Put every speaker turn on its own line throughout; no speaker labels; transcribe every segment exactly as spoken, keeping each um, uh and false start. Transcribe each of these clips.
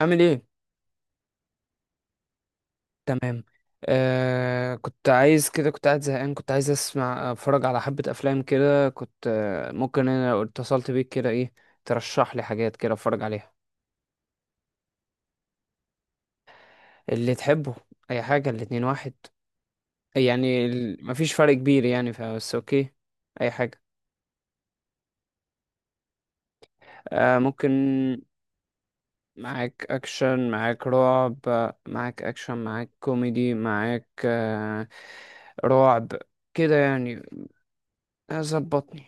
عامل ايه؟ تمام. آه كنت عايز كده، كنت قاعد زهقان، كنت عايز اسمع، اتفرج على حبة افلام كده، كنت آه ممكن انا لو اتصلت بيك كده ايه، ترشح لي حاجات كده اتفرج عليها. اللي تحبه. اي حاجة، الاتنين واحد يعني. ال- مفيش فرق كبير يعني، فبس اوكي. اي حاجة. آه ممكن. معاك اكشن، معاك رعب، معاك اكشن، معاك كوميدي، معاك آه رعب كده يعني. ظبطني.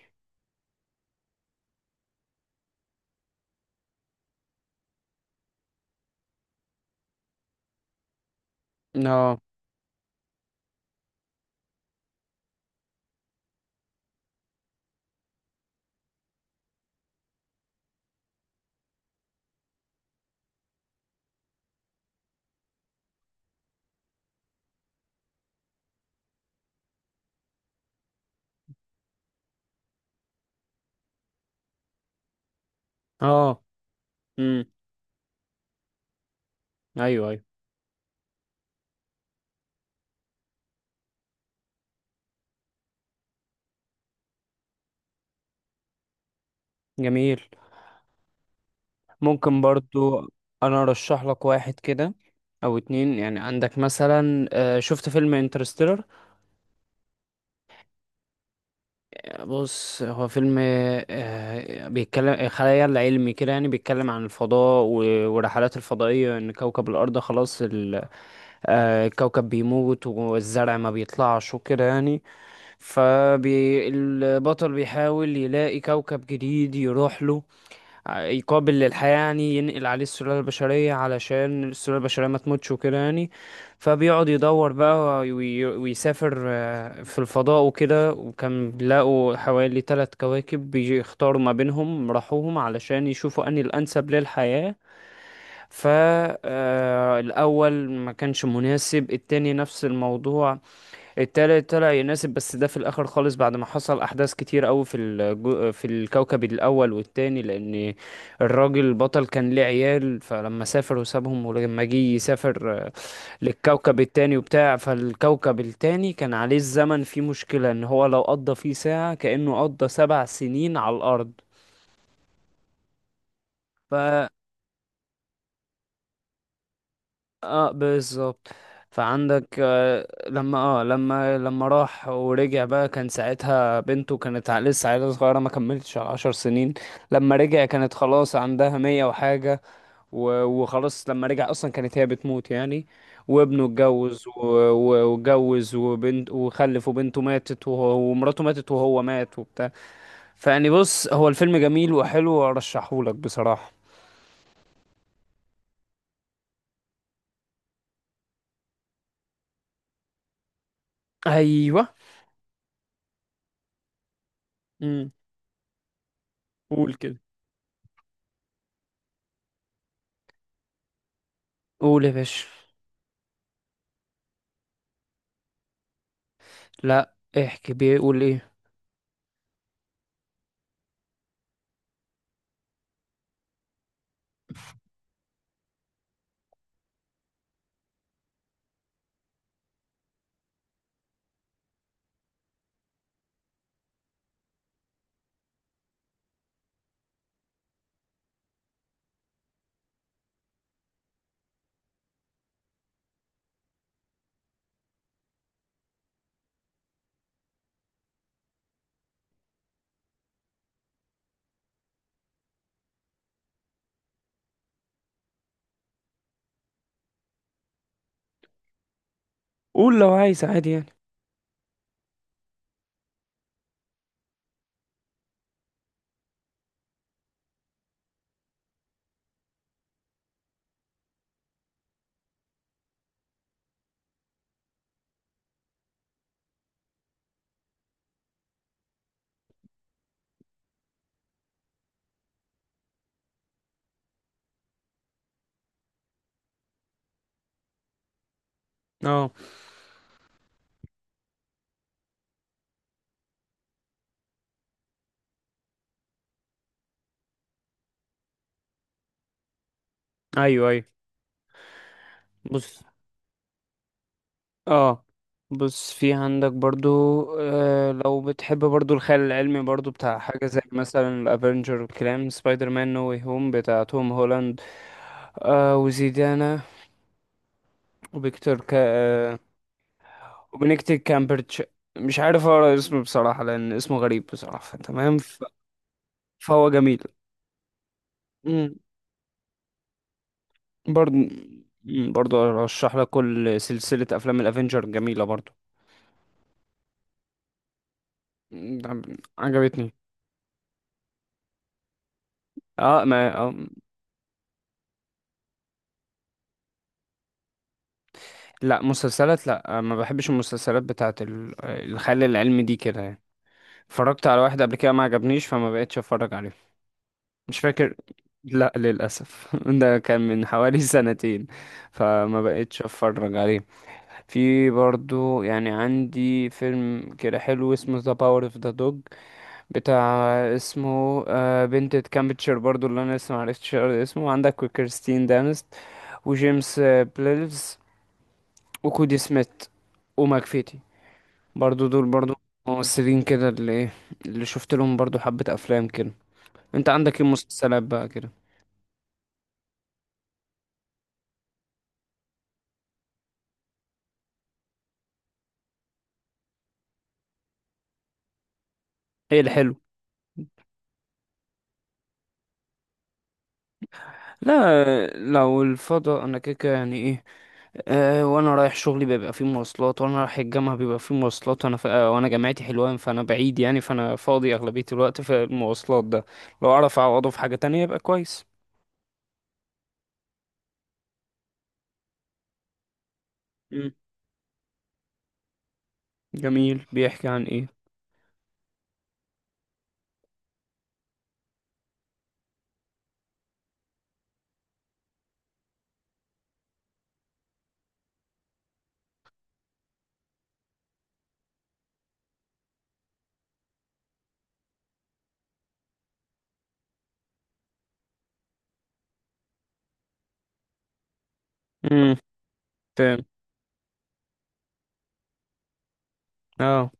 اه اه امم ايوه، ايوه، جميل، ممكن برضو. انا ارشح لك واحد كده او اتنين يعني. عندك مثلا آه، شفت فيلم انترستيلر؟ بص، هو فيلم آه، بيتكلم خيال علمي كده يعني، بيتكلم عن الفضاء و- والرحلات الفضائية، ان كوكب الارض خلاص ال- آه، الكوكب بيموت والزرع ما بيطلعش وكده يعني. فالبطل بيحاول يلاقي كوكب جديد يروح له، يقابل للحياة يعني، ينقل عليه السلالة البشرية علشان السلالة البشرية ما تموتش وكده يعني. فبيقعد يدور بقى وي- ويسافر آه، في الفضاء وكده، وكان بيلاقوا حوالي ثلاث كواكب بيختاروا ما بينهم، راحوهم علشان يشوفوا أنهي الأنسب للحياة. فالأول ما كانش مناسب، التاني نفس الموضوع، التالت طلع يناسب، بس ده في الاخر خالص بعد ما حصل احداث كتير قوي في الجو... في الكوكب الاول والتاني، لان الراجل البطل كان ليه عيال، فلما سافر وسابهم، ولما جه يسافر للكوكب التاني وبتاع، فالكوكب التاني كان عليه الزمن فيه مشكلة، ان هو لو قضى فيه ساعة كأنه قضى سبع سنين على الارض. اه بالظبط. فعندك آه، لما اه لما لما راح ورجع بقى، كان ساعتها بنته كانت ع- لسه عيلة صغيرة ما كملتش عشر سنين. لما رجع كانت خلاص عندها مية وحاجة. و- وخلاص لما رجع أصلا كانت هي بتموت يعني. وابنه اتجوز و- و- واتجوز وبنت وخلف، وبنته ماتت، وهو- ومراته ماتت، وهو مات وبتاع. فيعني بص، هو الفيلم جميل وحلو وأرشحهولك بصراحة. أيوه، امم، قول كده. قول يا باشا. لا احكي بيه، قول ايه. قول لو عايز عادي يعني. اه، ايوه، ايوه، بص. اه بص، في عندك برضو آه لو بتحب برضو الخيال العلمي، برضو بتاع حاجة زي مثلا الافنجر والكلام، سبايدر مان نو واي هوم بتاع توم هولاند، آه وزيدانا، وفيكتور كا، آه وبنكتب كامبرتش. مش عارف اقرا اسمه بصراحة لان اسمه غريب بصراحة. تمام، ف- فهو جميل برضه. مم، برضه ارشح لك كل سلسلة افلام الافينجر جميلة برضه. مم، عجبتني. اه، ما، آه لا، مسلسلات لا، آه، ما بحبش المسلسلات بتاعت ال- آه، الخيال العلمي دي كده يعني. اتفرجت على واحد قبل كده ما عجبنيش فما بقتش اتفرج عليه. مش فاكر، لا للاسف ده كان من حوالي سنتين، فما بقتش اتفرج عليه. في برضه يعني عندي فيلم كده حلو اسمه ذا باور اوف ذا دوج بتاع. اسمه آه، بنت كامبتشر برضو اللي انا لسه معرفتش اقرا اسمه عندك، وكريستين دانست، وجيمس آه، بليلز، وكودي سميث، وماكفيتي. برضو دول برضو ممثلين كده اللي ايه، اللي شفت لهم برضو حبة افلام كده. انت عندك ايه مسلسلات بقى كده؟ ايه الحلو؟ لا آه، لو الفضاء انا كده كده يعني ايه، أه، وانا رايح شغلي بيبقى فيه مواصلات، وانا رايح الجامعه بيبقى فيه مواصلات، وانا ف... آه، وانا جامعتي حلوان فانا بعيد يعني، فانا فاضي اغلبيه الوقت في المواصلات ده. لو اعرف اعوضه في حاجه تانية يبقى كويس. مم. جميل، بيحكي عن ايه؟ امم، فاهم. اه،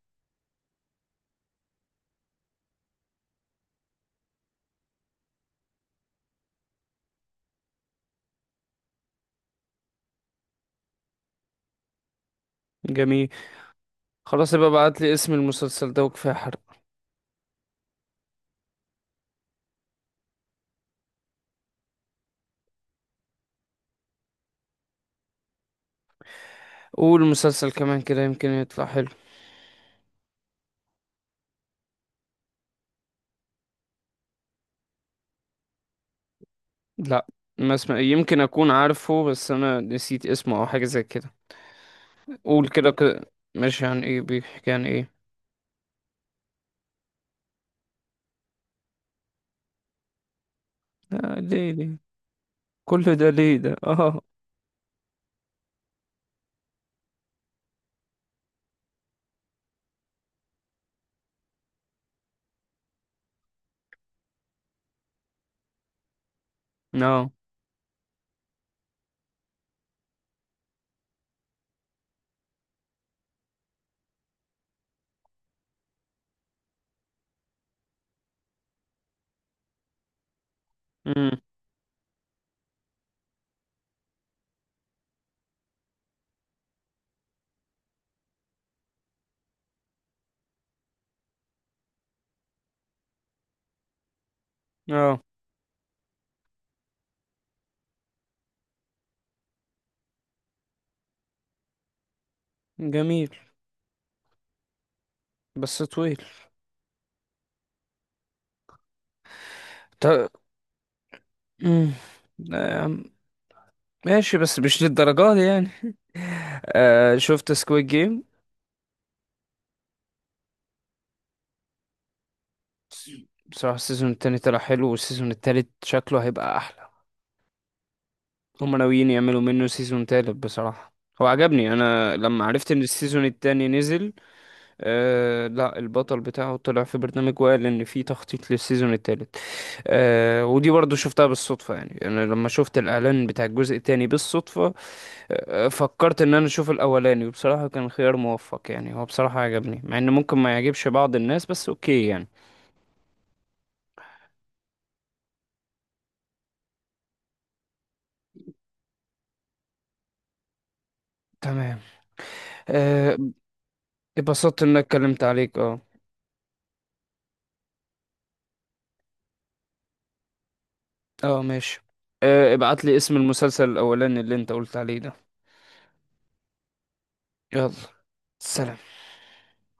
جميل. خلاص يبقى ابعت لي اسم المسلسل ده، وكفايه حرق. قول مسلسل كمان كده، يمكن يطلع حلو. لا، ما اسمع يمكن اكون عارفه، بس انا نسيت اسمه او حاجه زي كده. قول كده كده ماشي، عن ايه؟ بيحكي عن ايه؟ آه ليه ليه؟ كل ده ليه ده؟ اه، اه، امم، اه جميل بس طويل. طب. امم. آم، ماشي بس مش للدرجة دي يعني. آه شفت سكويد جيم؟ بصراحة السيزون التاني طلع حلو، والسيزون التالت شكله هيبقى أحلى. هما ناويين يعملوا منه سيزون تالت بصراحة. هو عجبني، أنا لما عرفت إن السيزون التاني نزل. آه لا، البطل بتاعه طلع في برنامج وقال ان في تخطيط للسيزون الثالث. آه ودي برضو شفتها بالصدفة يعني، انا لما شفت الاعلان بتاع الجزء الثاني بالصدفة، آه فكرت ان انا اشوف الاولاني، وبصراحة كان خيار موفق يعني، هو بصراحة عجبني مع ان ممكن ما يعجبش بعض الناس بس اوكي يعني. تمام، آه، اتبسطت ان انا اتكلمت عليك، اه. اه ماشي. آه ابعت لي اسم المسلسل الاولاني اللي انت قلت عليه ده. يلا، سلام.